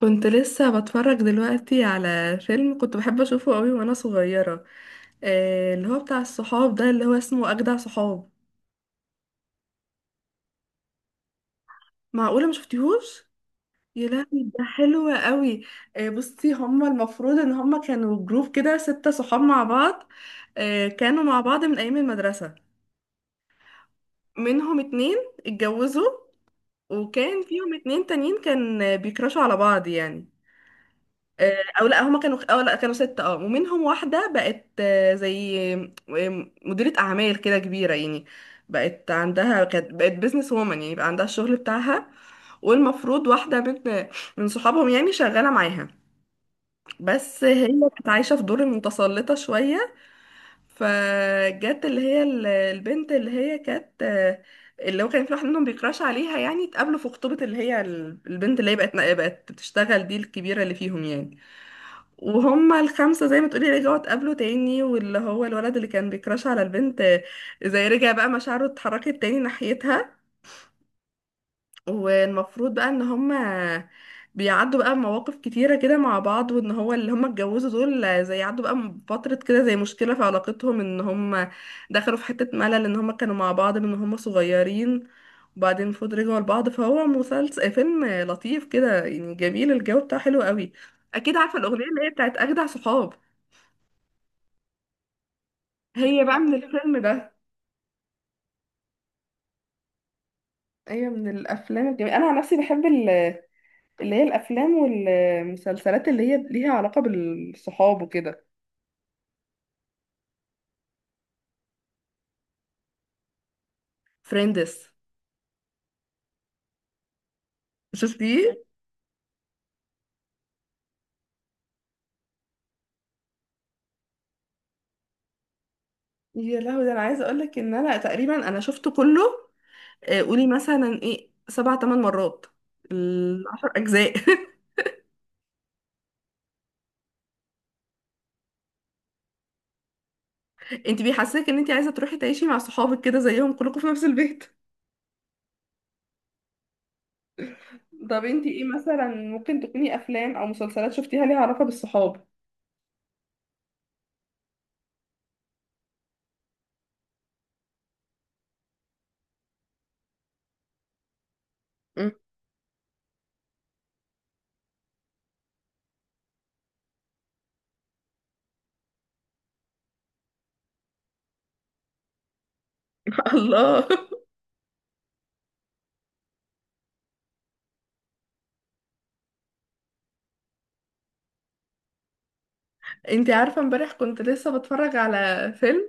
كنت لسه بتفرج دلوقتي على فيلم كنت بحب اشوفه قوي وانا صغيرة. اللي هو بتاع الصحاب ده اللي هو اسمه اجدع صحاب. معقولة ما شفتيهوش؟ يا لهوي! ده حلو قوي. بصي، هما المفروض ان هما كانوا جروب كده 6 صحاب مع بعض. كانوا مع بعض من ايام المدرسة. منهم اتنين اتجوزوا، وكان فيهم اتنين تانيين كان بيكرشوا على بعض يعني. او لا كانوا ستة. اه ومنهم واحدة بقت زي مديرة اعمال كده كبيرة يعني. بقت عندها، كانت بقت بيزنس وومن يعني، بقى عندها الشغل بتاعها. والمفروض واحدة من صحابهم يعني شغالة معاها، بس هي كانت عايشة في دور المتسلطة شوية. فجت اللي هي البنت اللي هي كانت اللي هو كان في واحد منهم بيكراش عليها يعني، اتقابلوا في خطوبة اللي هي البنت اللي هي بقت بتشتغل، دي الكبيرة اللي فيهم يعني. وهم الخمسة زي ما تقولي رجعوا اتقابلوا تاني، واللي هو الولد اللي كان بيكراش على البنت زي رجع بقى مشاعره اتحركت تاني ناحيتها. والمفروض بقى ان هم بيعدوا بقى مواقف كتيرة كده مع بعض، وان هو اللي هم اتجوزوا دول زي عدوا بقى فترة كده، زي مشكلة في علاقتهم، ان هم دخلوا في حتة ملل ان هم كانوا مع بعض من هم صغيرين. وبعدين المفروض رجعوا لبعض، فهو مسلسل فيلم لطيف كده يعني، جميل، الجو بتاعه حلو قوي. اكيد عارفة الاغنية اللي هي بتاعت اجدع صحاب، هي بقى من الفيلم ده. هي من الافلام الجميلة، انا عن نفسي بحب اللي هي الافلام والمسلسلات اللي هي ليها علاقة بالصحاب وكده. فريندز، شفتيه؟ يا لهوي! ده انا عايزه اقول لك ان انا تقريبا شفته كله. قولي مثلا ايه 7 8 مرات، ال10 اجزاء. انت بيحسسك ان انت عايزه تروحي تعيشي مع صحابك كده زيهم كلكم في نفس البيت. طب انت ايه مثلا ممكن تكوني افلام او مسلسلات شفتيها ليها علاقه بالصحاب؟ مم. الله. انتي عارفة امبارح كنت لسه بتفرج على فيلم،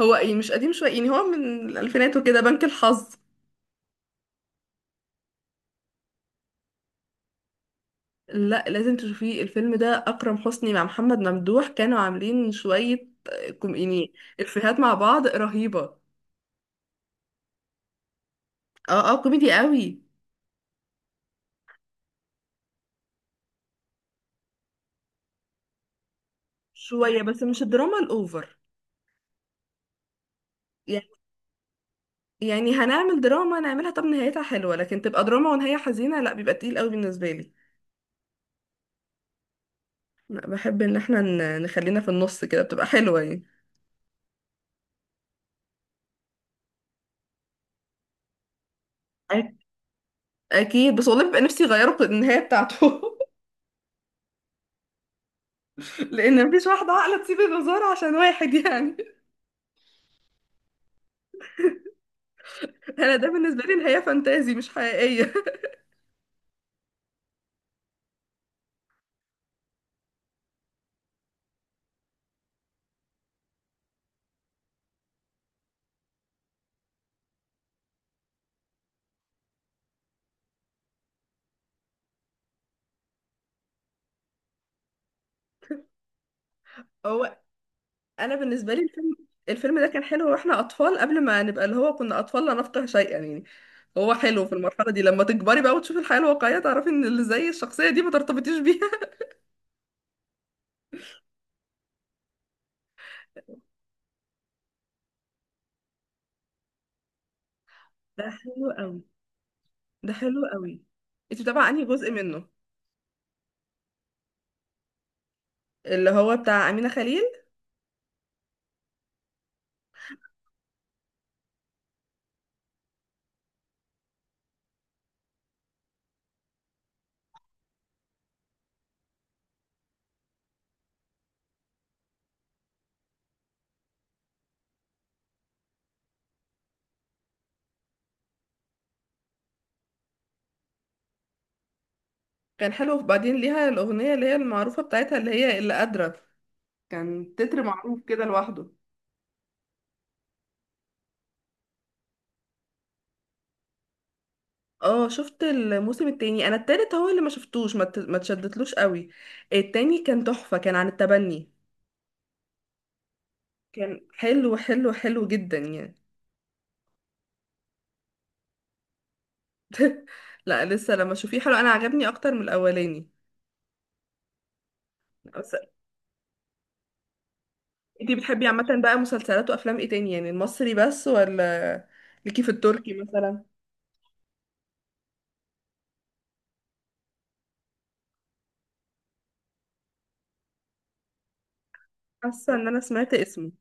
هو ايه مش قديم شوية يعني، هو من الألفينات وكده، بنك الحظ. لا لازم تشوفيه الفيلم ده، أكرم حسني مع محمد ممدوح كانوا عاملين شوية يعني إفيهات مع بعض رهيبة. اه اه، كوميدي قوي. شوية، بس مش الدراما الأوفر يعني. يعني هنعمل دراما نعملها طب نهايتها حلوة، لكن تبقى دراما ونهاية حزينة لا، بيبقى تقيل قوي بالنسبة لي. لا، بحب ان احنا نخلينا في النص كده، بتبقى حلوة يعني. اكيد، بس والله بيبقى نفسي يغيروا النهايه بتاعته. لان مفيش واحده عاقله تسيب الوزاره عشان واحد يعني. انا ده بالنسبه لي نهايه فانتازي مش حقيقيه. هو انا بالنسبه لي الفيلم، الفيلم ده كان حلو واحنا اطفال، قبل ما نبقى اللي هو كنا اطفال لا نفقه شيئا يعني. هو حلو في المرحله دي، لما تكبري بقى وتشوفي الحياه الواقعيه تعرفي ان اللي زي الشخصيه دي ما ترتبطيش بيها. ده حلو قوي، ده حلو قوي. انت متابعه انهي جزء منه؟ اللي هو بتاع امينه خليل. كان حلو، وبعدين ليها الاغنيه اللي هي المعروفه بتاعتها، اللي هي اللي قادره، كان تتر معروف كده لوحده. اه، شفت الموسم التاني، انا التالت هو اللي ما شفتوش، ما تشدتلوش قوي. التاني كان تحفة، كان عن التبني. كان حلو حلو حلو جدا يعني. لا لسه لما اشوفيه حلو، انا عجبني اكتر من الاولاني. بس انتي بتحبي عامة بقى مسلسلات وافلام ايه تاني يعني، المصري بس ولا ليكي في التركي مثلا؟ حاسة ان انا سمعت اسمه.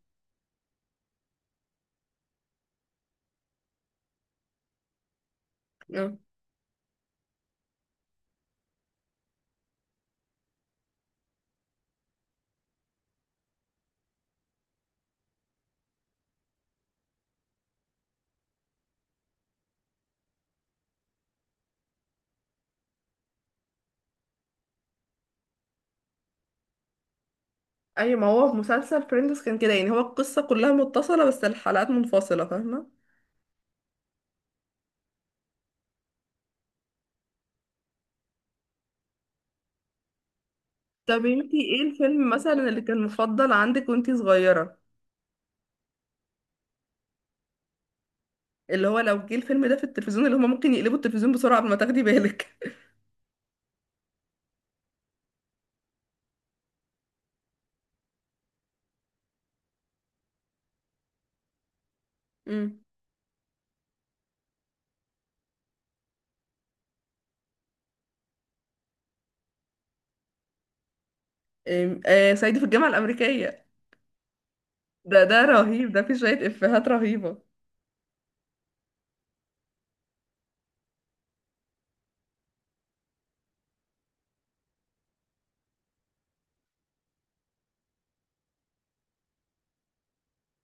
اه ايوه، ما هو في مسلسل فريندز كان كده يعني، هو القصة كلها متصلة بس الحلقات منفصلة، فاهمة. طب انتي ايه الفيلم مثلا اللي كان مفضل عندك وانتي صغيرة؟ اللي هو لو جه الفيلم ده في التلفزيون اللي هما ممكن يقلبوا التلفزيون بسرعة قبل ما تاخدي بالك. امم صعيدي في الجامعة الأمريكية، ده رهيب، ده فيه شوية إفيهات رهيبة.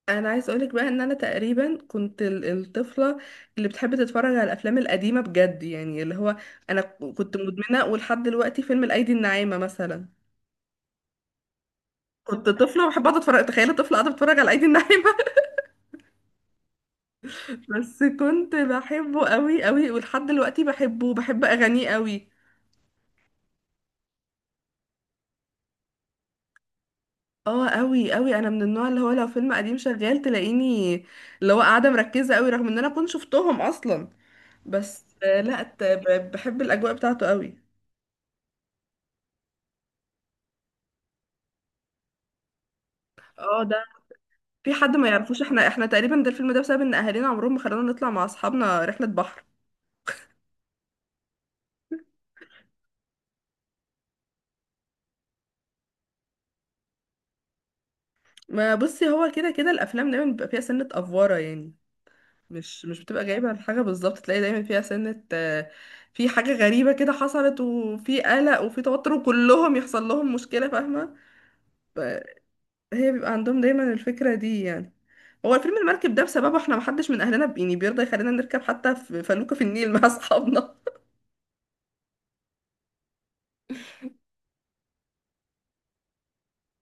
أنا عايز أقولك بقى إن أنا تقريبا كنت الطفلة اللي بتحب تتفرج على الأفلام القديمة بجد يعني، اللي هو أنا كنت مدمنة، ولحد دلوقتي فيلم الأيدي الناعمة مثلا. كنت طفلة وبحب أقعد أتفرج، تخيل طفلة قاعدة بتتفرج على الأيدي الناعمة. بس كنت بحبه قوي قوي، ولحد دلوقتي بحبه، بحب اغانيه قوي. اه قوي قوي، انا من النوع اللي هو لو فيلم قديم شغال تلاقيني اللي هو قاعده مركزه قوي، رغم ان انا كنت شفتهم اصلا. بس لا بحب الاجواء بتاعته قوي. اه ده، في حد ما يعرفوش، احنا تقريبا ده الفيلم ده بسبب ان اهالينا عمرهم ما خلونا نطلع مع اصحابنا رحله بحر. ما بصي، هو كده كده الافلام دايما بيبقى فيها سنه افواره يعني، مش بتبقى جايبة الحاجة بالظبط، تلاقي دايما فيها سنة في حاجة غريبة كده حصلت، وفي قلق وفي توتر، وكلهم يحصل لهم مشكلة، فاهمة. فهي بيبقى عندهم دايما الفكرة دي يعني. هو الفيلم المركب ده بسببه احنا محدش من اهلنا يعني بيرضى يخلينا نركب حتى في فلوكة في النيل مع اصحابنا.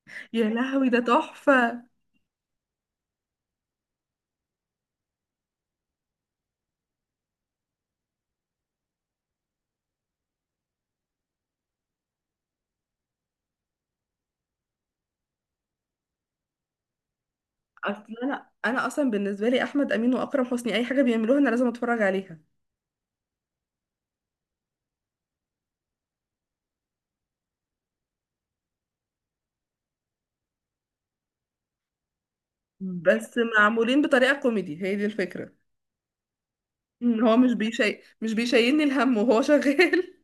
يا لهوي ده تحفة. اصل انا اصلا بالنسبة لي احمد امين واكرم حسني اي حاجة بيعملوها انا لازم اتفرج عليها. بس معمولين بطريقة كوميدي، هي دي الفكرة، إن هو مش بيشيلني الهم وهو شغال.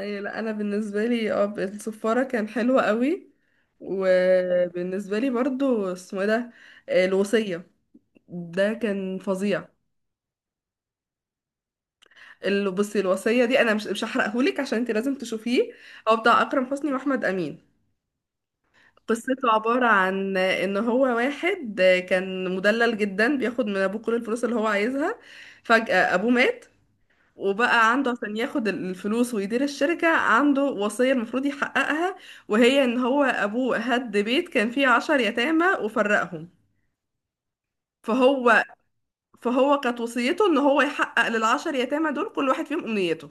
أي لا، انا بالنسبه لي الصفاره كان حلوه قوي. وبالنسبه لي برضو اسمه إيه ده، الوصيه، ده كان فظيع. بصي الوصيه دي، انا مش هحرقهولك عشان انت لازم تشوفيه. هو بتاع اكرم حسني واحمد امين. قصته عباره عن ان هو واحد كان مدلل جدا بياخد من ابوه كل الفلوس اللي هو عايزها، فجاه ابوه مات. وبقى عنده عشان ياخد الفلوس ويدير الشركة، عنده وصية المفروض يحققها. وهي ان هو ابوه هد بيت كان فيه 10 يتامى وفرقهم، فهو فهو كانت وصيته ان هو يحقق لل10 يتامى دول كل واحد فيهم امنيته.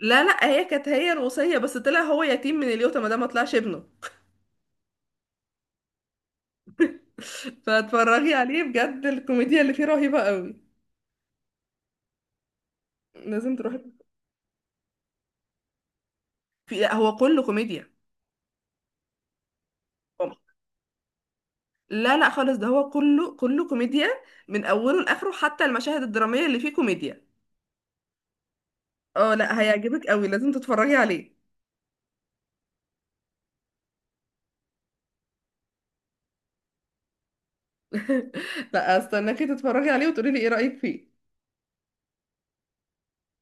لا لا، هي كانت هي الوصية، بس طلع هو يتيم من اليوتا، ما ده ما طلعش ابنه. فاتفرجي عليه بجد، الكوميديا اللي فيه رهيبة قوي، لازم تروحي. في، لا هو كله كوميديا. لا لا خالص، ده هو كله كله كوميديا من اوله لاخره، حتى المشاهد الدراميه اللي فيه كوميديا. اه لا هيعجبك قوي، لازم تتفرجي عليه. لا استناكي تتفرجي عليه وتقولي لي ايه رايك فيه.